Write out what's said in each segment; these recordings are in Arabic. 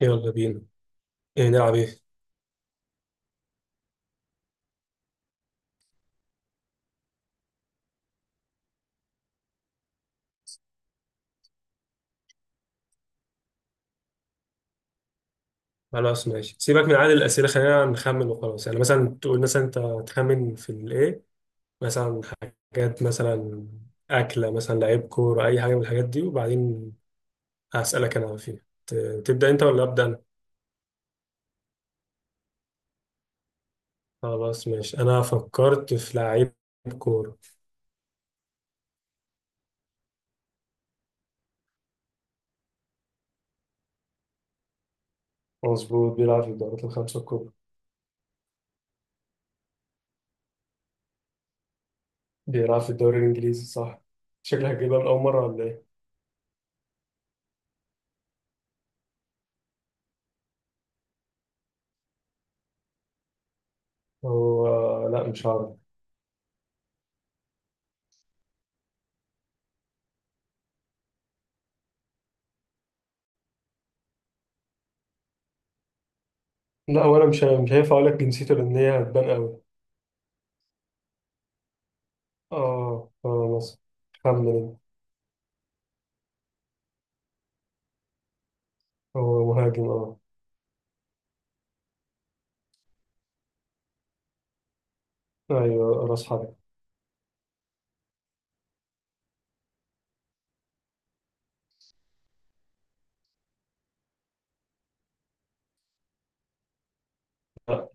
يلا بينا. ايه نلعب ايه؟ خلاص ماشي، سيبك من عدد الاسئله. خلينا نخمن وخلاص. يعني مثلا تقول، مثلا انت تخمن في الايه، مثلا حاجات، مثلا اكله، مثلا لعيب كوره، اي حاجه من الحاجات دي، وبعدين هسالك انا فيها. ت- تبدا انت ولا ابدا انا؟ خلاص ماشي، انا فكرت في لعيب كوره. مظبوط، بيلعب في الدوريات الخمسه الكبرى. بيلعب في الدوري الانجليزي صح. شكلك هتجيبها من اول مره ولا ايه؟ هو لا مش عارف. لا، وانا مش هينفع اقول لك جنسيته لان هي هتبان قوي. اه اه. مصر. خمن انت. هو مهاجم اه. ايوه راس حرب. لا.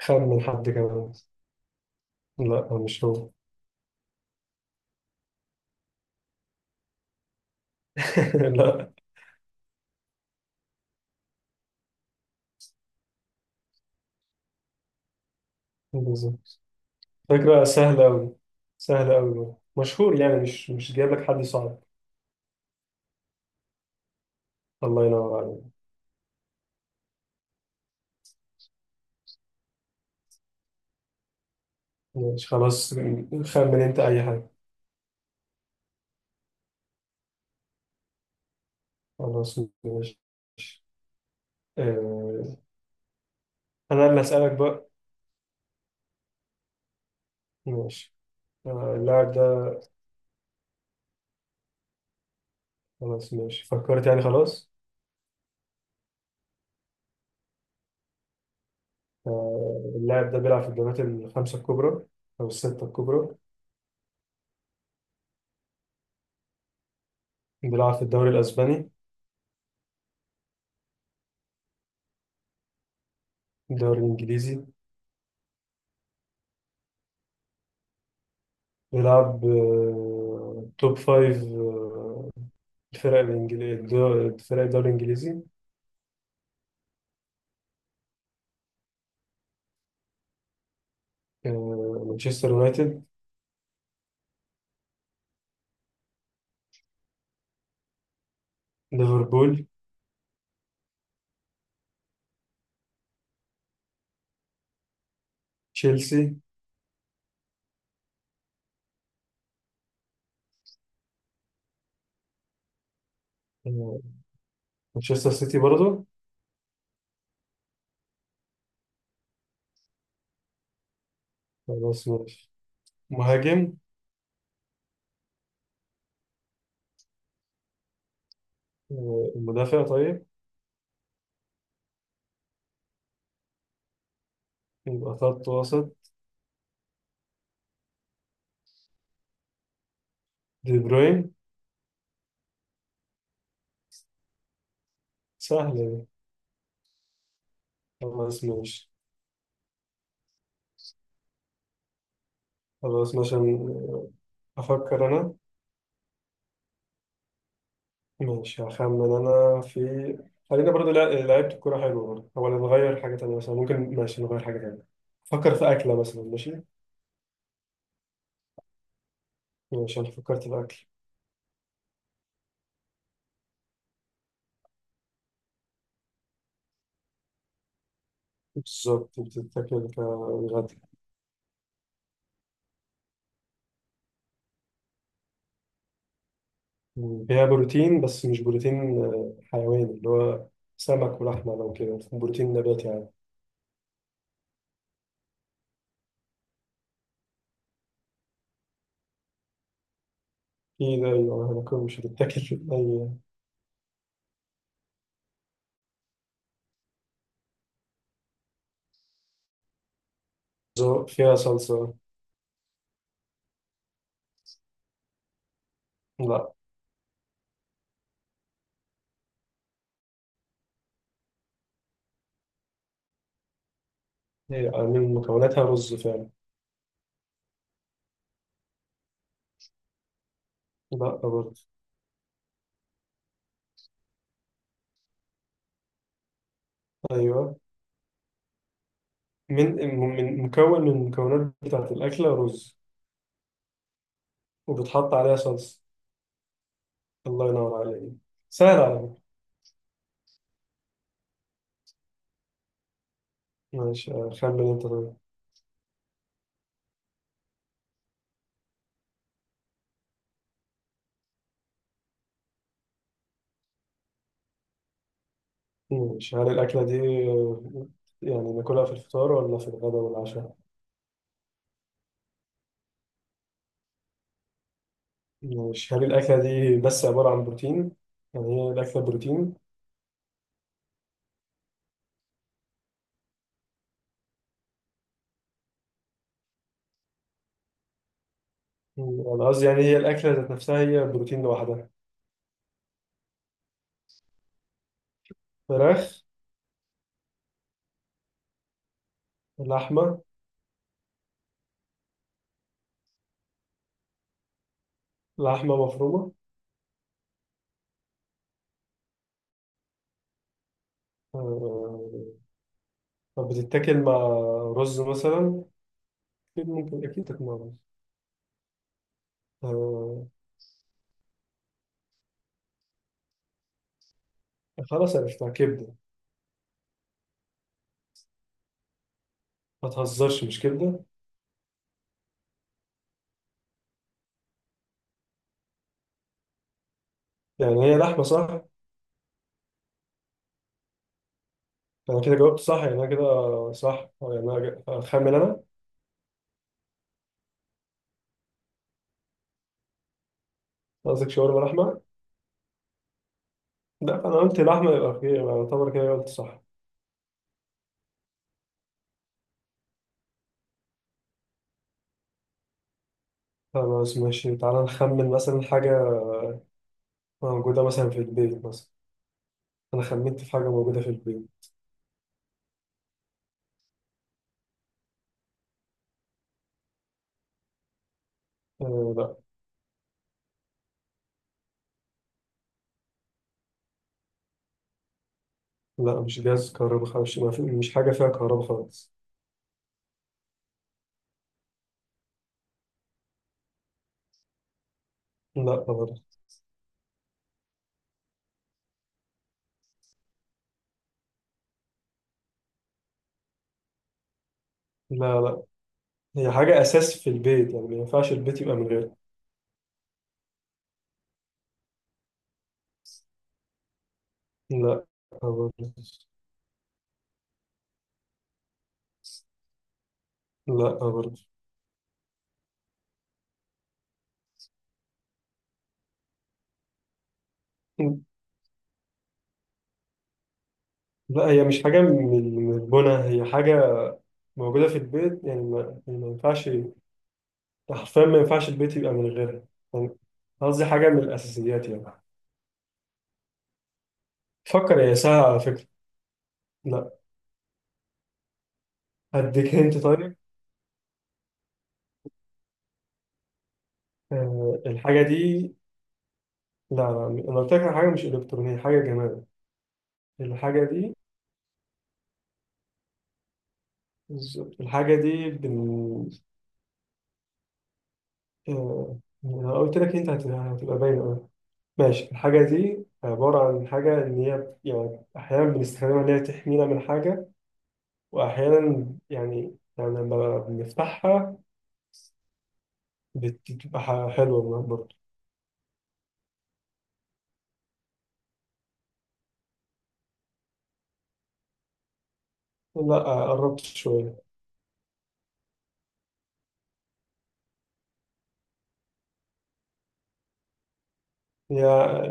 خمن حد كمان. لا هو مش هو. لا. بالظبط. فكرة سهلة أوي. سهلة أوي، مشهور، يعني مش جايب لك حد صعب. الله ينور عليك. ماشي خلاص. خمن انت أي حاجة. خلاص ماشي. آه، أنا اللي هسألك بقى. ماشي. اللاعب ده. خلاص ماشي، فكرت يعني، خلاص. آه، اللاعب ده بيلعب في الدوريات الخمسة الكبرى أو الستة الكبرى. بيلعب في الدوري الأسباني. الدوري الإنجليزي. بيلعب، توب فايف، الفرق الإنجليزية، فرق الدوري الإنجليزي. مانشستر يونايتد. ليفربول. تشيلسي. آه، مانشستر سيتي برضه. خلاص ماشي. مهاجم. مدافع طيب. يبقى خط وسط. دي بروين. سهلة دي. خلاص ماشي. خلاص ماشي، أفكر أنا. ماشي هخمن انا في. خلينا برضو لعيبة الكورة حلوة برضو، هو نغير حاجة تانية مثلا، ممكن ماشي نغير حاجة تانية. فكر في أكلة مثلا، ماشي. ماشي، أنا فكرت في أكل. بالظبط، بتتاكل كغدا. فيها بروتين، بس مش بروتين حيواني، اللي هو سمك ولحمة لو كده، بروتين نباتي يعني. في ده أيوة، هناكل مش هتتاكل أي. ذوق، فيها صلصة. لا. هي من مكوناتها رز فعلا. لا برضه. أيوه. من مكون، من المكونات بتاعت الأكلة رز، وبتحط عليها صلصة. الله ينور عليك. سهل على فكرة. ماشي، خمن أنت طيب. ماشي، هل الأكلة دي، آه، يعني ناكلها في الفطار ولا في الغداء والعشاء؟ ماشي، هل الأكلة دي بس عبارة عن بروتين؟ يعني هي الأكلة بروتين؟ أنا قصدي يعني، هي الأكلة ذات نفسها هي بروتين لوحدها. فراخ. لحمة. لحمة مفرومة. آه، طب بتتاكل مع رز مثلا؟ أكيد ممكن، أكيد تاكل مع رز. آه، خلاص عرفتها، كبدة. ما تهزرش مش كبدة. يعني هي لحمة صح. أنا كده جاوبت صح يعني، أنا كده صح، أو يعني أنا أخمن أنا. قصدك شاورما لحمة؟ لا أنا قلت لحمة، يبقى كده يبقى يعتبر كده قلت صح. خلاص ماشي، تعالى نخمن مثلا حاجة موجودة مثلا في البيت مثلا. أنا خمنت في حاجة موجودة في البيت. آه لا. لا مش جهاز كهرباء خالص، ما في- مش حاجة فيها كهرباء خالص. لا برضه. لا، لا هي حاجة أساس في البيت، يعني ما ينفعش البيت يبقى من غيرها. لا برضه. لا برضه. لا، هي مش حاجة من البنا، هي حاجة موجودة في البيت، يعني ما, يعني ما ينفعش، حرفيا ما ينفعش البيت يبقى من غيرها يعني. قصدي حاجة من الأساسيات يعني. فكر يا، سهلة على فكرة. لا. هديك انت طيب. الحاجة دي. لا لا، أنا قلت لك على حاجة مش إلكترونية، حاجة جمال. الحاجة دي. بالظبط، الحاجة دي آه أنا قلت لك أنت هتبقى باينة أوي. ماشي، الحاجة دي عبارة عن حاجة إن هي يعني أحيانا بنستخدمها إن هي تحمينا من حاجة، واحيانا يعني لما بنفتحها، بتبقى حلوه من برضه. لا. قربت شويه. هي،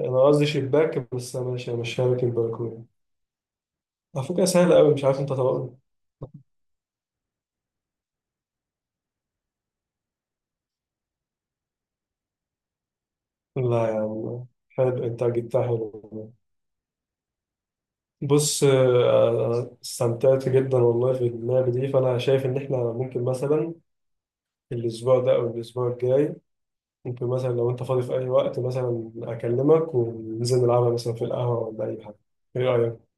انا قصدي شباك، بس انا ماشي ماشيها لك البلكونه. على فكره سهله قوي، مش عارف انت طبقا. لا يا عم، حلو، انت جبتها حلو. بص، أنا استمتعت جدا والله في اللعبه دي، فانا شايف ان احنا ممكن مثلا الاسبوع ده او الاسبوع الجاي، ممكن مثلا لو انت فاضي في اي وقت، مثلا اكلمك وننزل نلعبها مثلا في القهوه ولا اي حاجه. ايه رايك؟